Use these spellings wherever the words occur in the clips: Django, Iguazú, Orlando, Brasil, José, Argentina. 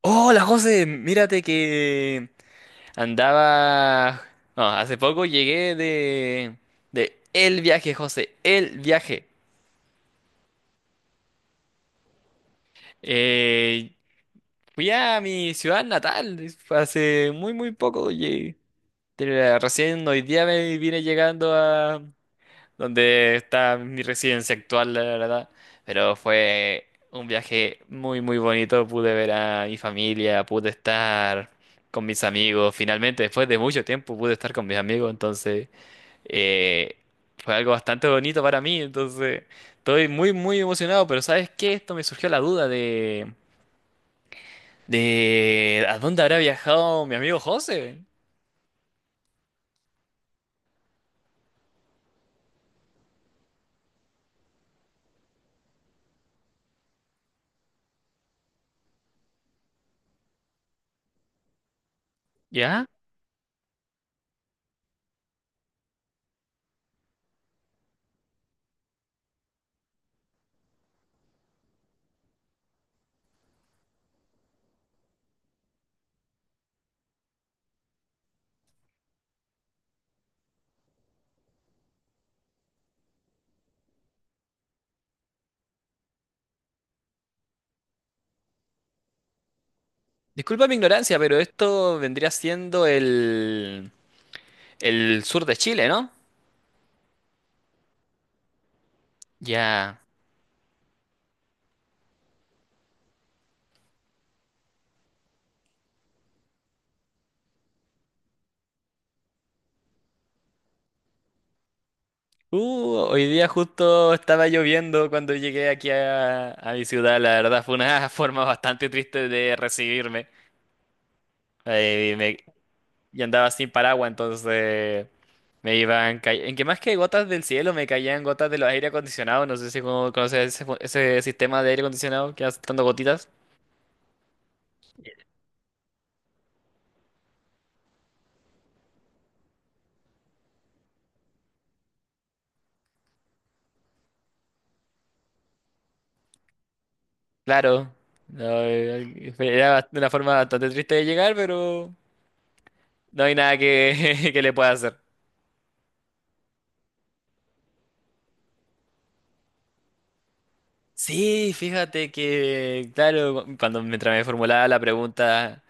Hola José, mírate que andaba... No, hace poco llegué de el viaje, José, el viaje. Eh, Fui a mi ciudad natal, hace muy muy poco llegué. Recién hoy día me vine llegando donde está mi residencia actual, la verdad. Pero fue un viaje muy, muy bonito. Pude ver a mi familia, pude estar con mis amigos. Finalmente, después de mucho tiempo, pude estar con mis amigos. Entonces, eh, fue algo bastante bonito para mí. Entonces, estoy muy, muy emocionado. Pero ¿sabes qué? Esto me surgió la duda de ¿a dónde habrá viajado mi amigo José? ¿Ya? Disculpa mi ignorancia, pero esto vendría siendo el sur de Chile, ¿no? Ya. Hoy día justo estaba lloviendo cuando llegué aquí a mi ciudad. La verdad fue una forma bastante triste de recibirme. Eh, y me, y andaba sin paraguas, entonces me iban... En que más que gotas del cielo, me caían gotas de los aire acondicionados. No sé si conoces ese, ese sistema de aire acondicionado que va saltando gotitas. Claro. No, era una forma bastante triste de llegar, pero no hay nada que, que le pueda hacer. Sí, fíjate que, claro, cuando mientras me formulaba la pregunta,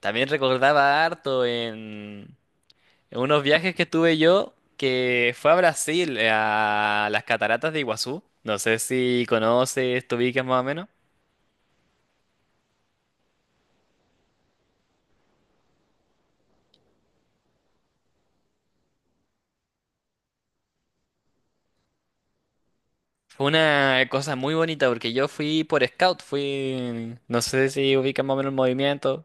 también recordaba harto en unos viajes que tuve yo, que fue a Brasil, a las cataratas de Iguazú. No sé si conoces, te ubicas más o menos. Fue una cosa muy bonita porque yo fui por scout, fui, no sé si ubicas más o menos el movimiento.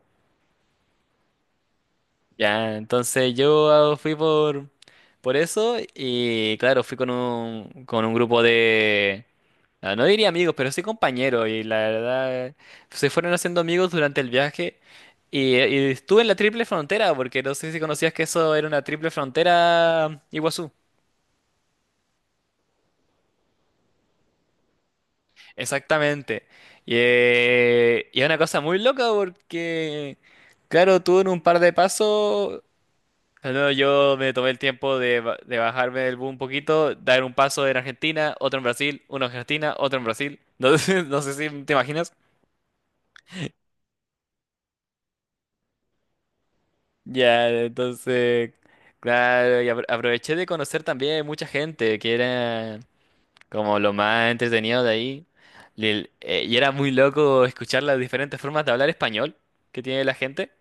Ya, entonces yo fui por eso y claro, fui con un grupo de, ah, no diría amigos, pero sí compañeros y la verdad se fueron haciendo amigos durante el viaje y estuve en la triple frontera porque no sé si conocías que eso era una triple frontera Iguazú. Exactamente. Y es una cosa muy loca porque, claro, tú en un par de pasos. Ah, no, yo me tomé el tiempo de bajarme del boom un poquito, dar un paso en Argentina, otro en Brasil, uno en Argentina, otro en Brasil. No sé, no sé si te imaginas. Ya, entonces, claro, y aproveché de conocer también mucha gente, que era como lo más entretenido de ahí. Y, y era muy loco escuchar las diferentes formas de hablar español que tiene la gente.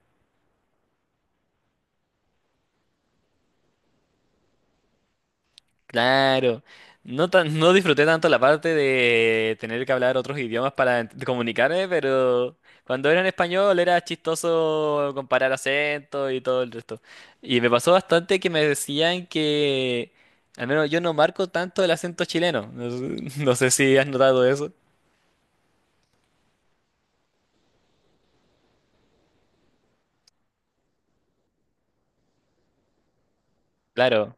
Claro. No tan, no disfruté tanto la parte de tener que hablar otros idiomas para comunicarme, pero cuando era en español era chistoso comparar acentos y todo el resto. Y me pasó bastante que me decían que al menos yo no marco tanto el acento chileno. No sé, no sé si has notado eso. Claro.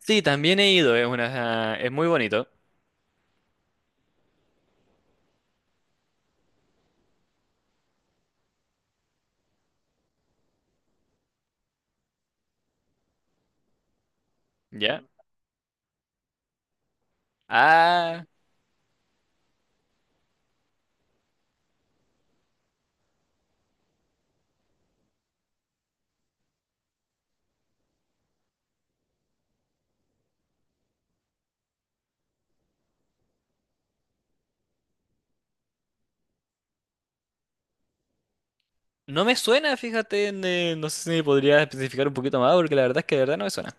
Sí, también he ido, es una, es muy bonito. ¿Ya? Ah, no me suena, fíjate, no sé si me podría especificar un poquito más, porque la verdad es que de verdad no me suena.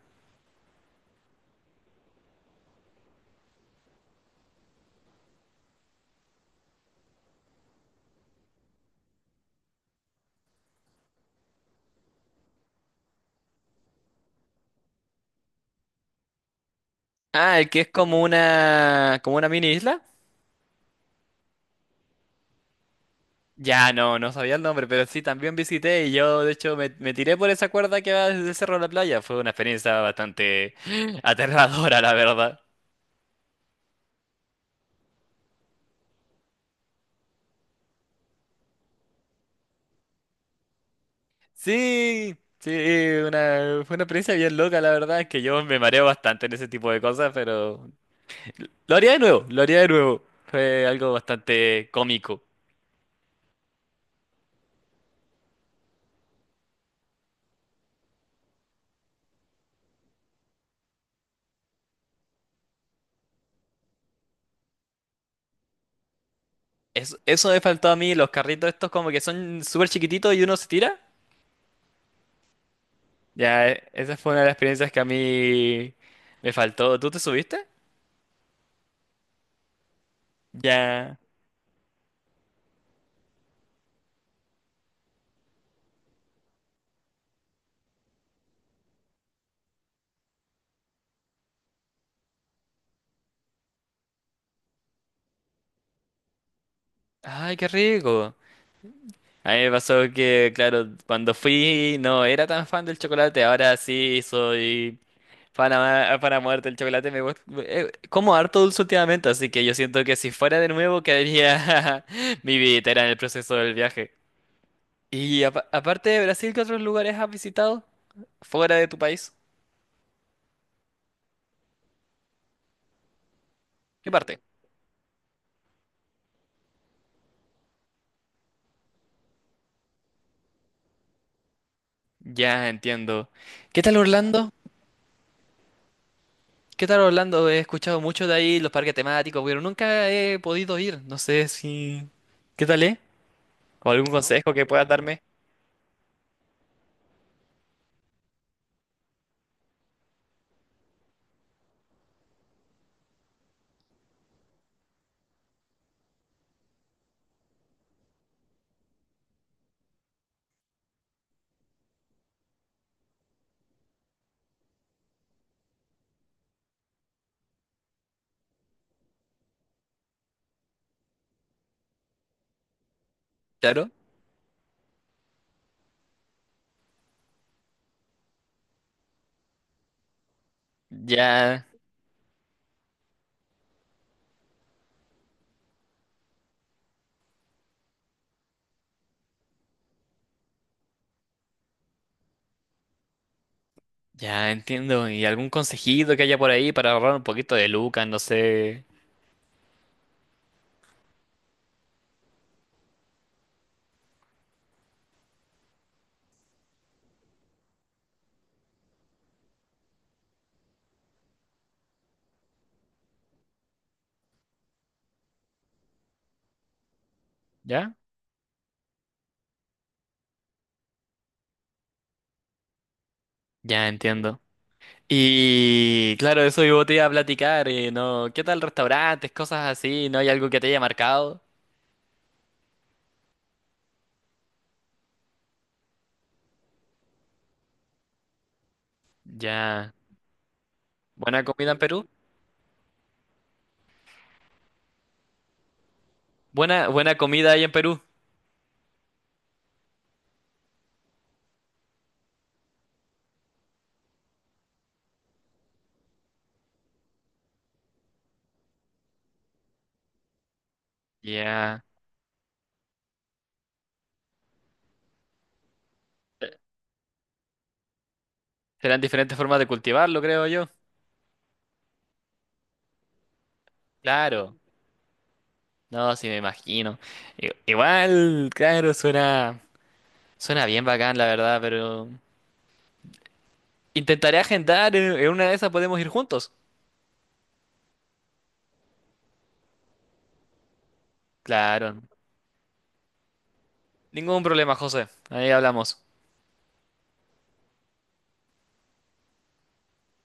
Ah, el que es como una mini isla. Ya, no, no sabía el nombre, pero sí, también visité y yo, de hecho, me tiré por esa cuerda que va desde el cerro a la playa. Fue una experiencia bastante aterradora, la verdad. Sí, sí, una, fue una experiencia bien loca, la verdad, es que yo me mareo bastante en ese tipo de cosas, pero lo haría de nuevo, lo haría de nuevo. Fue algo bastante cómico. Eso me faltó a mí, los carritos estos como que son súper chiquititos y uno se tira. Ya, esa fue una de las experiencias que a mí me faltó. ¿Tú te subiste? Ya. Ay, qué rico. A mí me pasó que, claro, cuando fui no era tan fan del chocolate, ahora sí soy fan a, fan a muerte del chocolate. Me gusta, como harto dulce últimamente, así que yo siento que si fuera de nuevo quedaría mi billetera en el proceso del viaje. Y aparte de Brasil, ¿qué otros lugares has visitado fuera de tu país? ¿Qué parte? Ya entiendo. ¿Qué tal Orlando? ¿Qué tal Orlando? He escuchado mucho de ahí los parques temáticos, pero nunca he podido ir. No sé si... ¿Qué tal, eh? ¿O algún ujú consejo que puedas darme? Claro. Ya, ya entiendo. ¿Y algún consejito que haya por ahí para ahorrar un poquito de lucas? No sé. ¿Ya? Ya entiendo. Y claro, eso yo te iba a platicar, ¿no? ¿Qué tal restaurantes, cosas así? ¿No hay algo que te haya marcado? Ya. ¿Buena comida en Perú? Buena, buena comida ahí en Perú. Ya. Serán diferentes formas de cultivarlo, creo yo. Claro, no, sí me imagino. I- Igual, claro, suena, suena bien bacán, la verdad, pero intentaré agendar, en una de esas podemos ir juntos. Claro, ningún problema, José. Ahí hablamos.